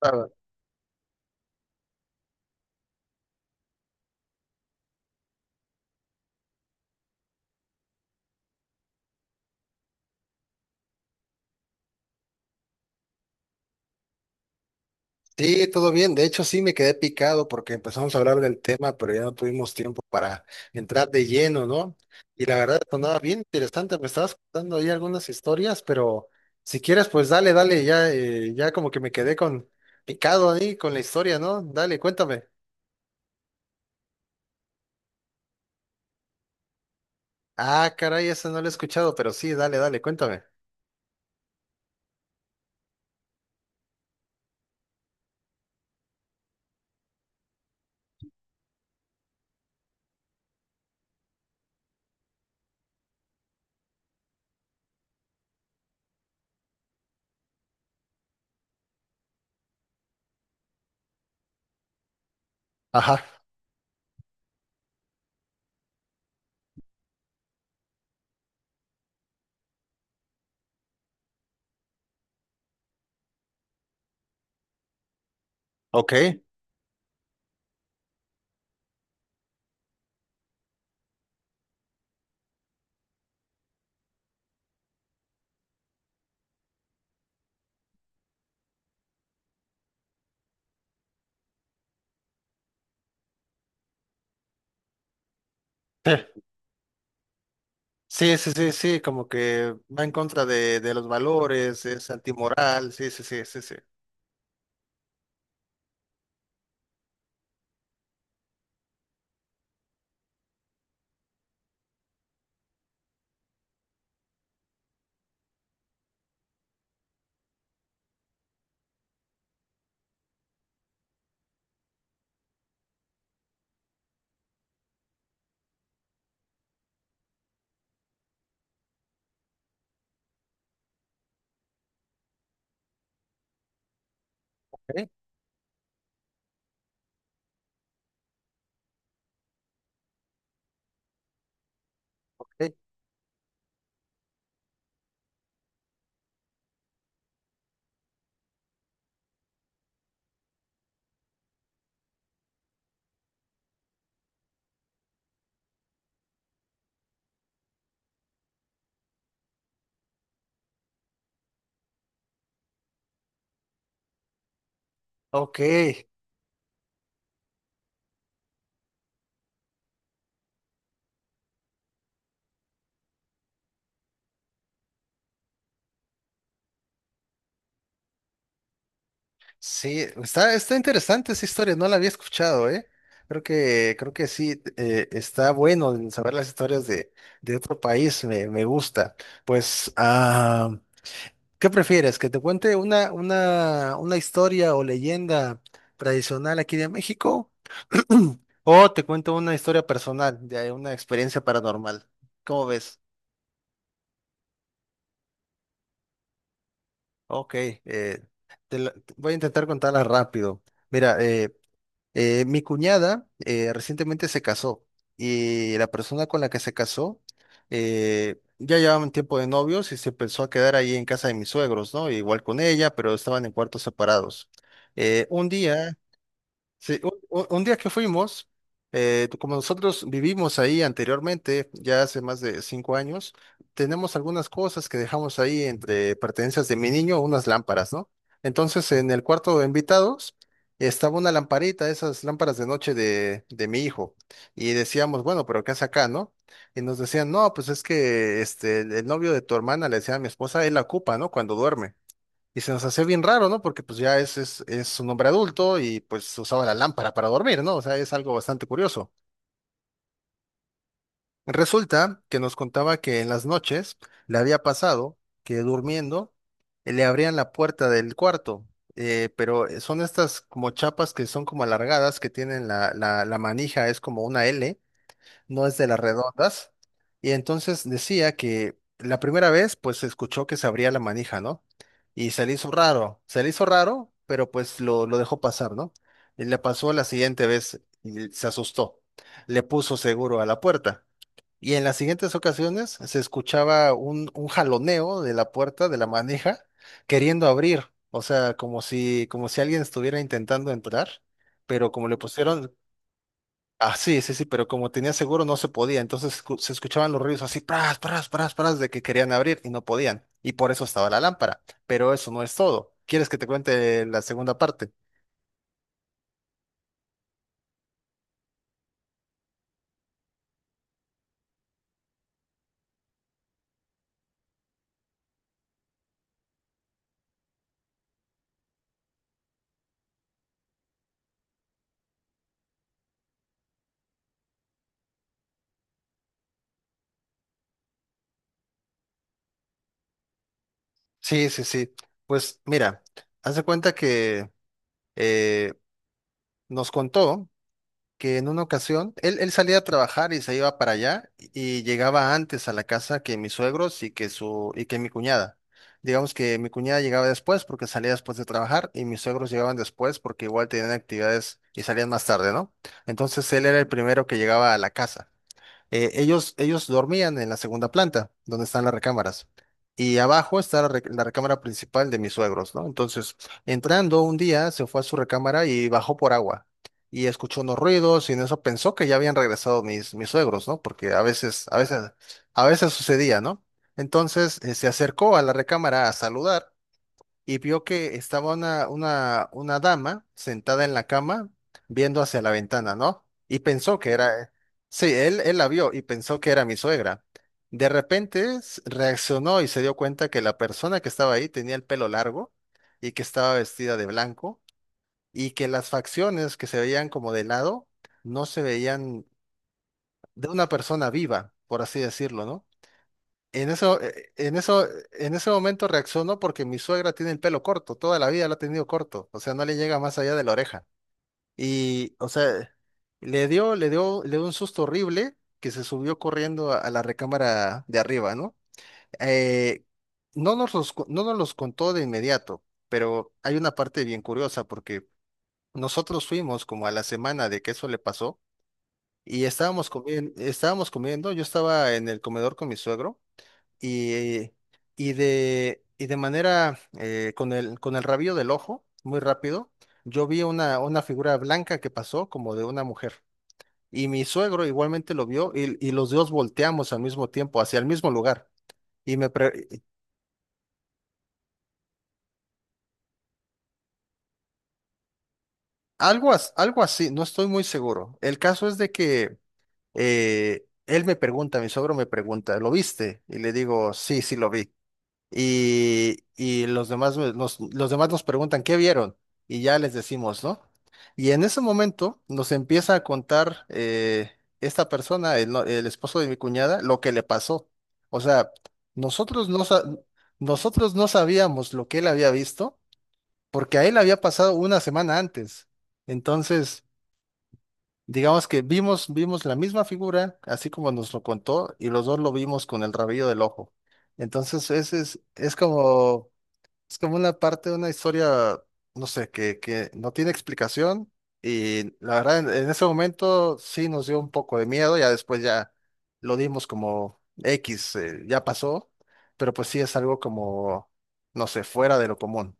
Ah, sí, todo bien. De hecho, sí me quedé picado porque empezamos a hablar del tema, pero ya no tuvimos tiempo para entrar de lleno, ¿no? Y la verdad sonaba bien interesante. Me estabas contando ahí algunas historias, pero si quieres, pues dale, dale. Ya, ya como que me quedé con picado ahí con la historia, ¿no? Dale, cuéntame. Ah, caray, esa no la he escuchado, pero sí, dale, dale, cuéntame. Ajá, ok. Sí, sí, sí, sí, sí, como que va en contra de los valores, es antimoral, sí, sí, sí, sí, sí. Ok, ok. Ok, sí, está interesante esa historia, no la había escuchado, ¿eh? Creo que sí, está bueno el saber las historias de otro país, me gusta. Pues, ¿qué prefieres? ¿Que te cuente una historia o leyenda tradicional aquí de México? ¿O te cuento una historia personal de una experiencia paranormal? ¿Cómo ves? Ok, voy a intentar contarla rápido. Mira, mi cuñada recientemente se casó y la persona con la que se casó ya llevaban tiempo de novios y se pensó a quedar ahí en casa de mis suegros, ¿no? Igual con ella, pero estaban en cuartos separados. Un día. Sí, un día que fuimos, como nosotros vivimos ahí anteriormente, ya hace más de 5 años, tenemos algunas cosas que dejamos ahí entre pertenencias de mi niño, unas lámparas, ¿no? Entonces, en el cuarto de invitados estaba una lamparita, esas lámparas de noche de mi hijo, y decíamos, bueno, pero ¿qué hace acá, no? Y nos decían, no, pues es que este, el novio de tu hermana, le decía a mi esposa, él la ocupa, ¿no? Cuando duerme. Y se nos hacía bien raro, ¿no? Porque pues ya es un hombre adulto y pues usaba la lámpara para dormir, ¿no? O sea, es algo bastante curioso. Resulta que nos contaba que en las noches le había pasado que durmiendo le abrían la puerta del cuarto, pero son estas como chapas que son como alargadas, que tienen la manija, es como una L, no es de las redondas. Y entonces decía que la primera vez, pues se escuchó que se abría la manija, ¿no? Y se le hizo raro, se le hizo raro, pero pues lo dejó pasar, ¿no? Y le pasó la siguiente vez y se asustó. Le puso seguro a la puerta. Y en las siguientes ocasiones se escuchaba un jaloneo de la puerta, de la manija, queriendo abrir. O sea, como si alguien estuviera intentando entrar, pero como le pusieron, ah, sí, sí, sí, pero como tenía seguro no se podía, entonces se escuchaban los ruidos así, pras, pras, pras, pras, de que querían abrir y no podían, y por eso estaba la lámpara, pero eso no es todo. ¿Quieres que te cuente la segunda parte? Sí, sí, sí. Pues mira, haz de cuenta que eh, nos contó que en una ocasión él salía a trabajar y se iba para allá y llegaba antes a la casa que mis suegros y que mi cuñada. Digamos que mi cuñada llegaba después porque salía después de trabajar y mis suegros llegaban después porque igual tenían actividades y salían más tarde, ¿no? Entonces él era el primero que llegaba a la casa. Ellos dormían en la segunda planta, donde están las recámaras. Y abajo está la recámara principal de mis suegros, ¿no? Entonces, entrando un día, se fue a su recámara y bajó por agua. Y escuchó unos ruidos y en eso pensó que ya habían regresado mis suegros, ¿no? Porque a veces sucedía, ¿no? Entonces, se acercó a la recámara a saludar y vio que estaba una dama sentada en la cama viendo hacia la ventana, ¿no? Y pensó que era, sí, él la vio y pensó que era mi suegra. De repente reaccionó y se dio cuenta que la persona que estaba ahí tenía el pelo largo y que estaba vestida de blanco y que las facciones que se veían como de lado no se veían de una persona viva, por así decirlo, ¿no? En eso, eh, en eso, en ese momento reaccionó porque mi suegra tiene el pelo corto, toda la vida lo ha tenido corto, o sea, no le llega más allá de la oreja. Y, o sea, le dio un susto horrible que se subió corriendo a la recámara de arriba, ¿no? Eh, no nos los contó de inmediato, pero hay una parte bien curiosa porque nosotros fuimos como a la semana de que eso le pasó y estábamos comiendo, yo estaba en el comedor con mi suegro y, y de manera con el rabillo del ojo, muy rápido, yo vi una figura blanca que pasó como de una mujer. Y mi suegro igualmente lo vio y los dos volteamos al mismo tiempo, hacia el mismo lugar. Y me pre- algo, as- algo así, no estoy muy seguro. El caso es de que él me pregunta, mi suegro me pregunta, ¿lo viste? Y le digo, sí, sí lo vi. Y los demás, los demás nos preguntan, ¿qué vieron? Y ya les decimos, ¿no? Y en ese momento nos empieza a contar esta persona, el, no- el esposo de mi cuñada, lo que le pasó. O sea, nosotros no, sa- nosotros no sabíamos lo que él había visto porque a él había pasado una semana antes. Entonces, digamos que vimos la misma figura, así como nos lo contó, y los dos lo vimos con el rabillo del ojo. Entonces, ese es, es como una parte de una historia, no sé, que no tiene explicación. Y la verdad, en ese momento sí nos dio un poco de miedo. Ya después ya lo dimos como X, ya pasó. Pero pues sí es algo como, no sé, fuera de lo común.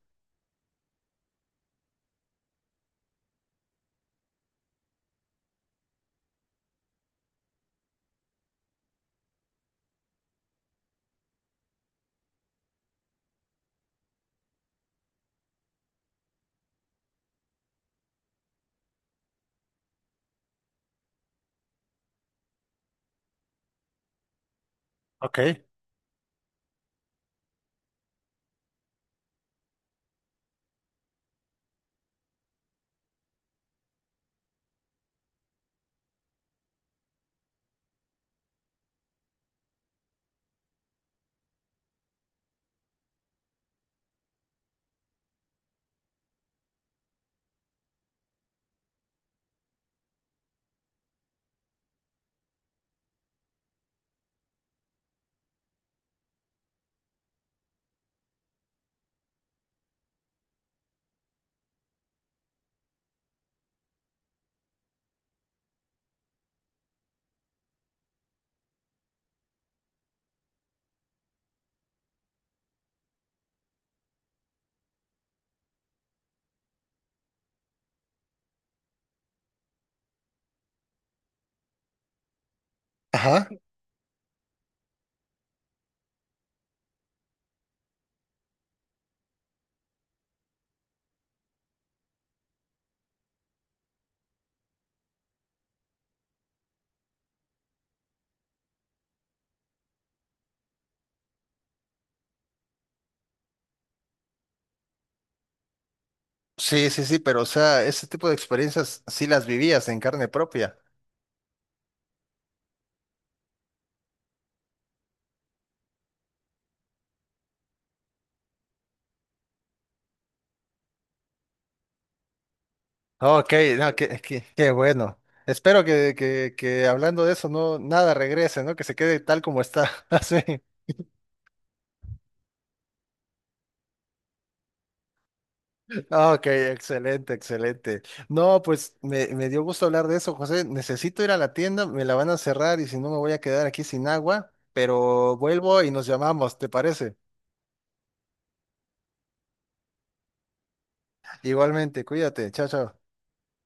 Ok. Ajá. Sí, sí, sí, pero o sea, ese tipo de experiencias sí las vivías en carne propia. Ok, no, qué bueno. Espero que hablando de eso, no, nada regrese, ¿no? Que se quede tal como está. Así. Ah, ok, excelente, excelente. No, pues me dio gusto hablar de eso, José. Necesito ir a la tienda, me la van a cerrar y si no me voy a quedar aquí sin agua, pero vuelvo y nos llamamos, ¿te parece? Igualmente, cuídate, chao, chao.